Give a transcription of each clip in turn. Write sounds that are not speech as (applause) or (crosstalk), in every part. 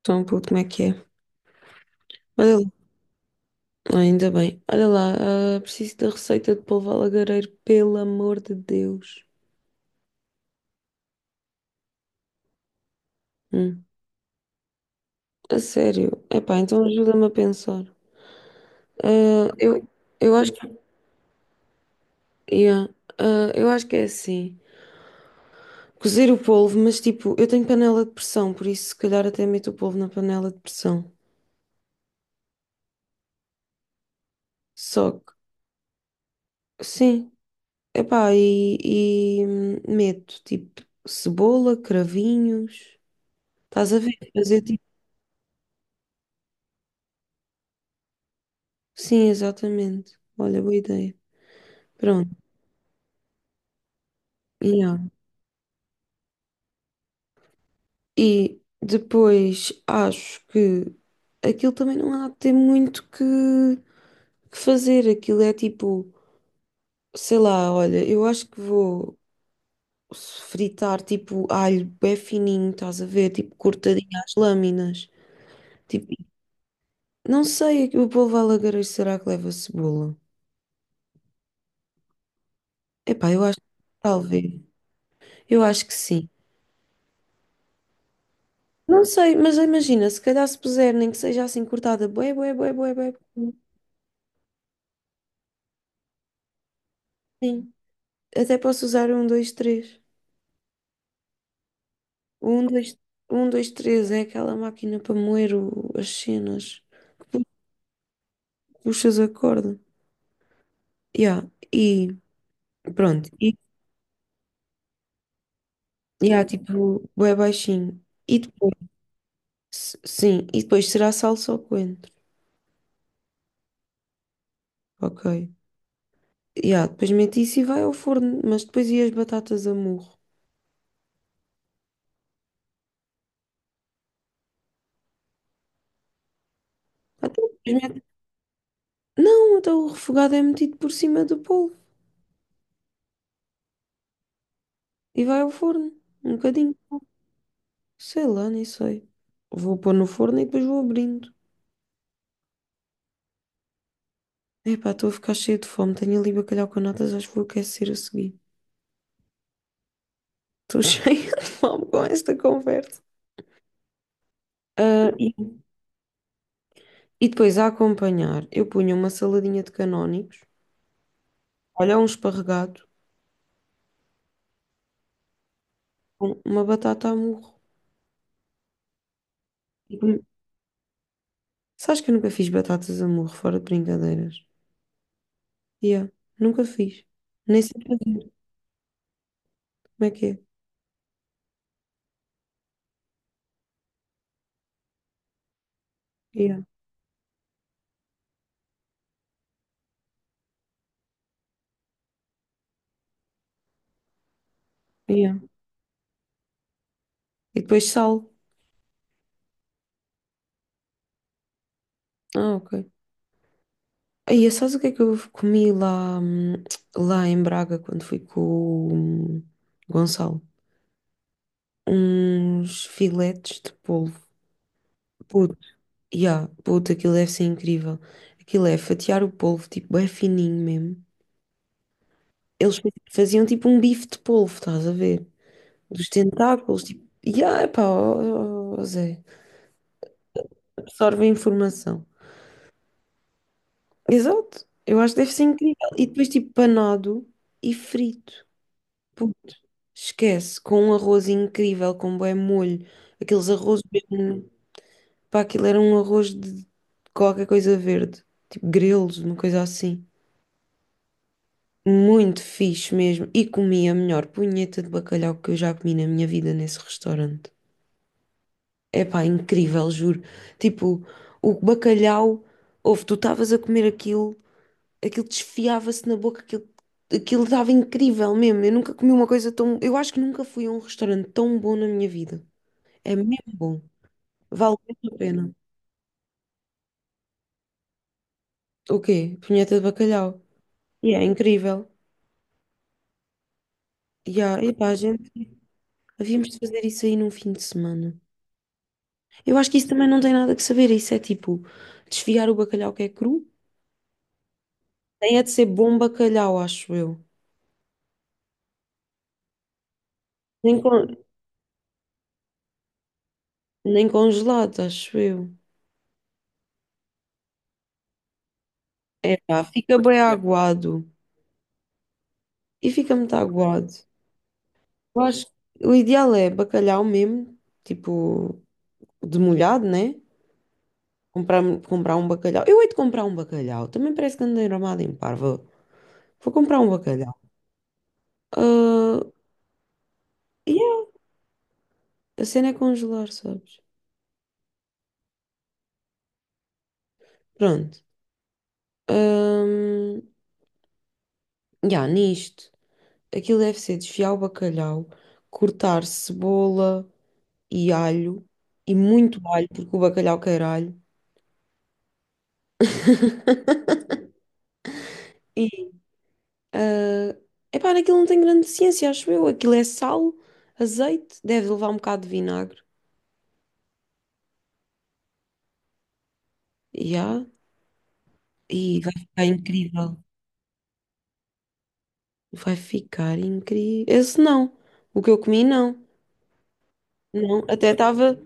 Então, pô, como é que é? Olha lá. Ah, ainda bem. Olha lá, ah, preciso da receita de polvo alagareiro, pelo amor de Deus. Hum, a sério. Epá, então ajuda-me a pensar. Ah, eu acho que, yeah, ah, eu acho que é assim. Cozer o polvo, mas tipo, eu tenho panela de pressão, por isso se calhar até meto o polvo na panela de pressão. Só que, sim, epá, e meto tipo cebola, cravinhos. Estás a ver? Fazer tipo. Sim, exatamente. Olha, boa ideia. Pronto. Yeah. E depois acho que aquilo também não há de ter muito que fazer. Aquilo é tipo, sei lá, olha, eu acho que vou fritar tipo alho bem fininho, estás a ver? Tipo cortadinho às lâminas. Tipo, não sei, o polvo alagarejo será que leva cebola? Epá, eu acho que talvez. Eu acho que sim. Não sei, mas imagina, se calhar se puser, nem que seja assim cortada, bué, bué, bué, bué, bué. Sim. Até posso usar um, dois, três. O um, dois, três é aquela máquina para moer as cenas que puxas a corda. Yeah. E pronto. E yeah, tipo, bué baixinho. E depois, sim, e depois será salsa ou coentro. Ok. Yeah, depois mete isso e vai ao forno, mas depois e as batatas a murro. Até depois mete- Não, então o refogado é metido por cima do polvo. E vai ao forno. Um bocadinho. Sei lá, nem sei. Vou pôr no forno e depois vou abrindo. Epá, estou a ficar cheia de fome. Tenho ali bacalhau com natas, acho que vou aquecer a seguir. Estou (laughs) cheia de fome com esta conversa. Ah, e depois a acompanhar, eu punha uma saladinha de canónicos, olha, um esparregado, uma batata a murro. E punha- Sabes que eu nunca fiz batatas a murro, fora de brincadeiras? Yeah, nunca fiz. Nem sei fazer. Como é que é? Yeah, yeah. E depois sal. Ah, ok. Aí, sabes o que é que eu comi lá, lá em Braga quando fui com o Gonçalo? Uns filetes de polvo. Puto, yeah, puto, aquilo deve ser incrível. Aquilo é fatiar o polvo, tipo, é fininho mesmo. Eles faziam tipo um bife de polvo, estás a ver? Dos tentáculos, tipo, yeah, epá, ó, ó, ó, Zé, absorve a informação. Exato, eu acho que deve ser incrível. E depois, tipo, panado e frito. Puto, esquece, com um arroz incrível, com bué molho. Aqueles arroz mesmo. Pá, aquilo era um arroz de qualquer coisa verde. Tipo grelos, uma coisa assim. Muito fixe mesmo. E comi a melhor punheta de bacalhau que eu já comi na minha vida nesse restaurante. É pá, incrível, juro. Tipo, o bacalhau, ouve, tu estavas a comer aquilo, aquilo desfiava-se na boca, aquilo estava incrível mesmo. Eu nunca comi uma coisa tão. Eu acho que nunca fui a um restaurante tão bom na minha vida. É mesmo bom. Vale mesmo a pena. O quê? Punheta de bacalhau. E é incrível. Epá, gente, havíamos de fazer isso aí num fim de semana. Eu acho que isso também não tem nada que saber. Isso é tipo desfiar o bacalhau que é cru. Tem é de ser bom bacalhau, acho eu. Nem, con- nem congelado, acho eu. É pá, fica bem aguado. E fica muito aguado. Eu acho que o ideal é bacalhau mesmo, tipo, demolhado, né? Comprar, comprar um bacalhau. Eu hei de comprar um bacalhau. Também parece que andei armada em parva. Vou comprar um bacalhau. Ah, yeah, a cena é congelar, sabes? Pronto. Ahm, yeah, nisto. Aquilo deve ser desfiar o bacalhau, cortar cebola e alho. E muito alho, porque o bacalhau quer alho. (laughs) E, ah, epá, naquilo não tem grande ciência, acho eu. Aquilo é sal, azeite, deve levar um bocado de vinagre. Ya, e vai ficar incrível. Vai ficar incrível. Esse não. O que eu comi, não. Não. Até estava.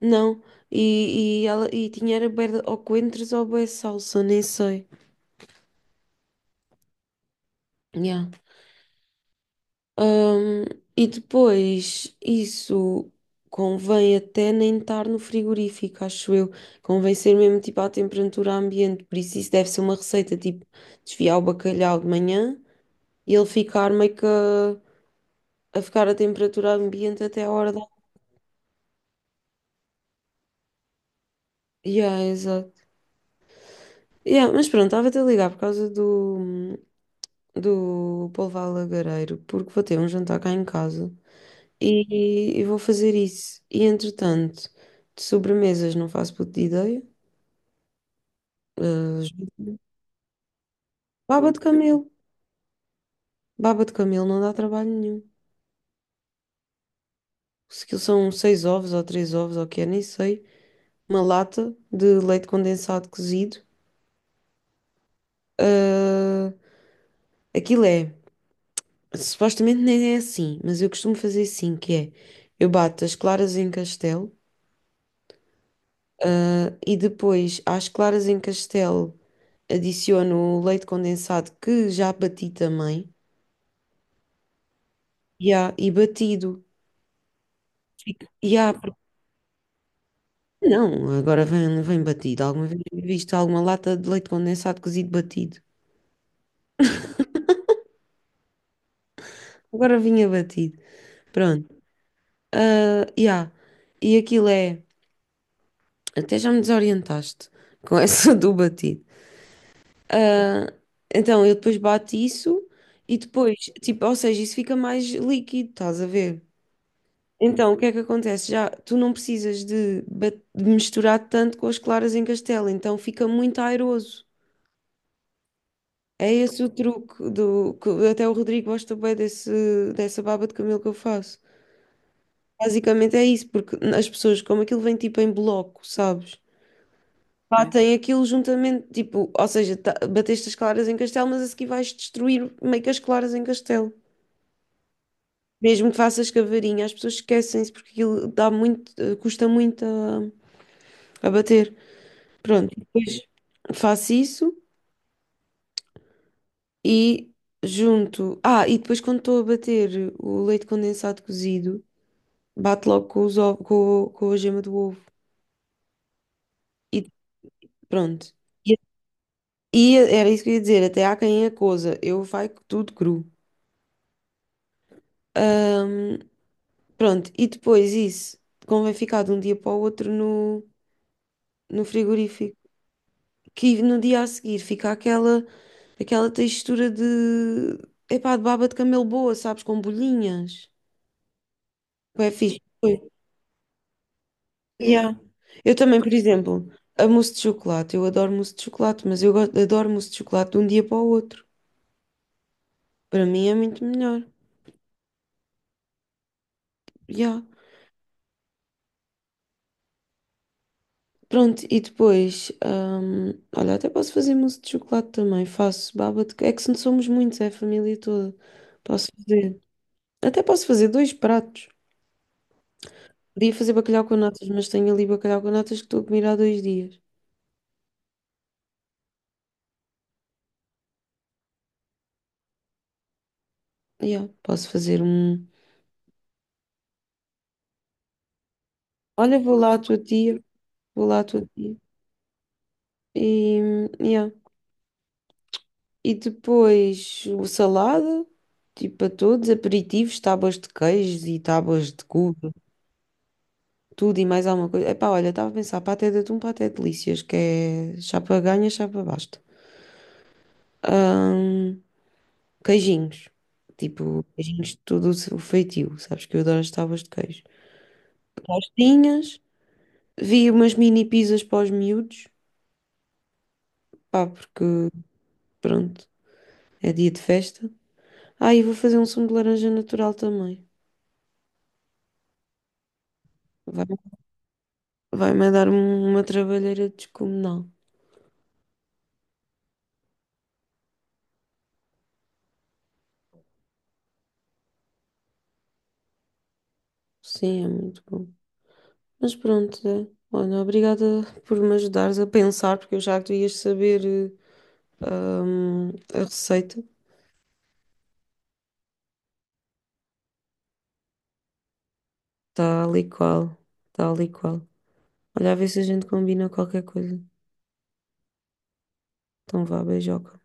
Não. E tinha era bué ou coentros ou bué de salsa, nem sei. Yeah. Ahm, e depois, isso convém até nem estar no frigorífico, acho eu. Convém ser mesmo tipo à temperatura ambiente. Por isso, isso deve ser uma receita tipo desfiar o bacalhau de manhã e ele ficar meio que a ficar à temperatura ambiente até a hora da. Yeah, exato. Yeah, mas pronto, estava-te a ligar por causa do polvo lagareiro, porque vou ter um jantar cá em casa e vou fazer isso. E entretanto, de sobremesas não faço puta de ideia. Ah, baba de camelo. Baba de camelo não dá trabalho nenhum. Se aquilo são seis ovos ou três ovos ou o que é, nem sei. Uma lata de leite condensado cozido. Ah, aquilo é. Supostamente nem é assim, mas eu costumo fazer assim, que é, eu bato as claras em castelo, ah, e depois às claras em castelo adiciono o leite condensado que já bati também, e batido. Fica- E há, não, agora vem, batido. Alguma vez tinha visto alguma lata de leite condensado cozido batido? Agora vinha batido. Pronto. Ah, e há. E aquilo é, até já me desorientaste com essa (laughs) do batido. Ah, então eu depois bato isso e depois, tipo, ou seja, isso fica mais líquido, estás a ver? Então o que é que acontece? Já tu não precisas de misturar tanto com as claras em castelo, então fica muito airoso. É esse o truque do que até o Rodrigo gosta bem dessa baba de camelo que eu faço. Basicamente é isso, porque as pessoas, como aquilo vem tipo em bloco, sabes? Batem aquilo juntamente, tipo, ou seja, bateste as claras em castelo, mas a seguir vais destruir meio que as claras em castelo. Mesmo que faças cavarinha, as pessoas esquecem-se porque aquilo dá muito, custa muito a bater. Pronto, depois faço isso e junto. Ah, e depois quando estou a bater o leite condensado cozido, bato logo com os ovos, com a gema do ovo. E pronto. E, e era isso que eu ia dizer, até há quem é coisa eu vai tudo cru. Hum, Pronto, e depois isso convém ficar de um dia para o outro no frigorífico, que no dia a seguir fica aquela textura de, epá, de baba de camelo boa, sabes, com bolhinhas. É fixe. Foi. Yeah. Eu também, por exemplo, a mousse de chocolate, eu adoro mousse de chocolate, mas adoro mousse de chocolate de um dia para o outro. Para mim é muito melhor. Yeah. Pronto, e depois, olha, até posso fazer mousse de chocolate também, faço baba de... É que se não somos muitos, é a família toda. Posso fazer. Até posso fazer dois pratos. Podia fazer bacalhau com natas, mas tenho ali bacalhau com natas que estou a comer há 2 dias. Yeah, posso fazer um. Olha, vou lá à tua tia, vou lá à tua tia. E, yeah. E depois o salada, tipo para todos, aperitivos, tábuas de queijos e tábuas de cubo, tudo e mais alguma coisa. Epá, olha, estava a pensar, paté de atum, paté de delícias, que é chapa ganha, chapa basta. Ahm, Queijinhos, tipo, queijinhos de todo o seu feitio, sabes que eu adoro as tábuas de queijo. Tostinhas. Vi umas mini pizzas para os miúdos, pá, porque pronto, é dia de festa. Ah, e vou fazer um sumo de laranja natural também. Vai, vai-me dar uma trabalheira descomunal. Sim, é muito bom. Mas pronto, é. Olha, obrigada por me ajudares a pensar, porque eu já que tu ias saber eh, a receita. Tal e qual, tal e qual. Olha, a ver se a gente combina qualquer coisa. Então vá, beijoca.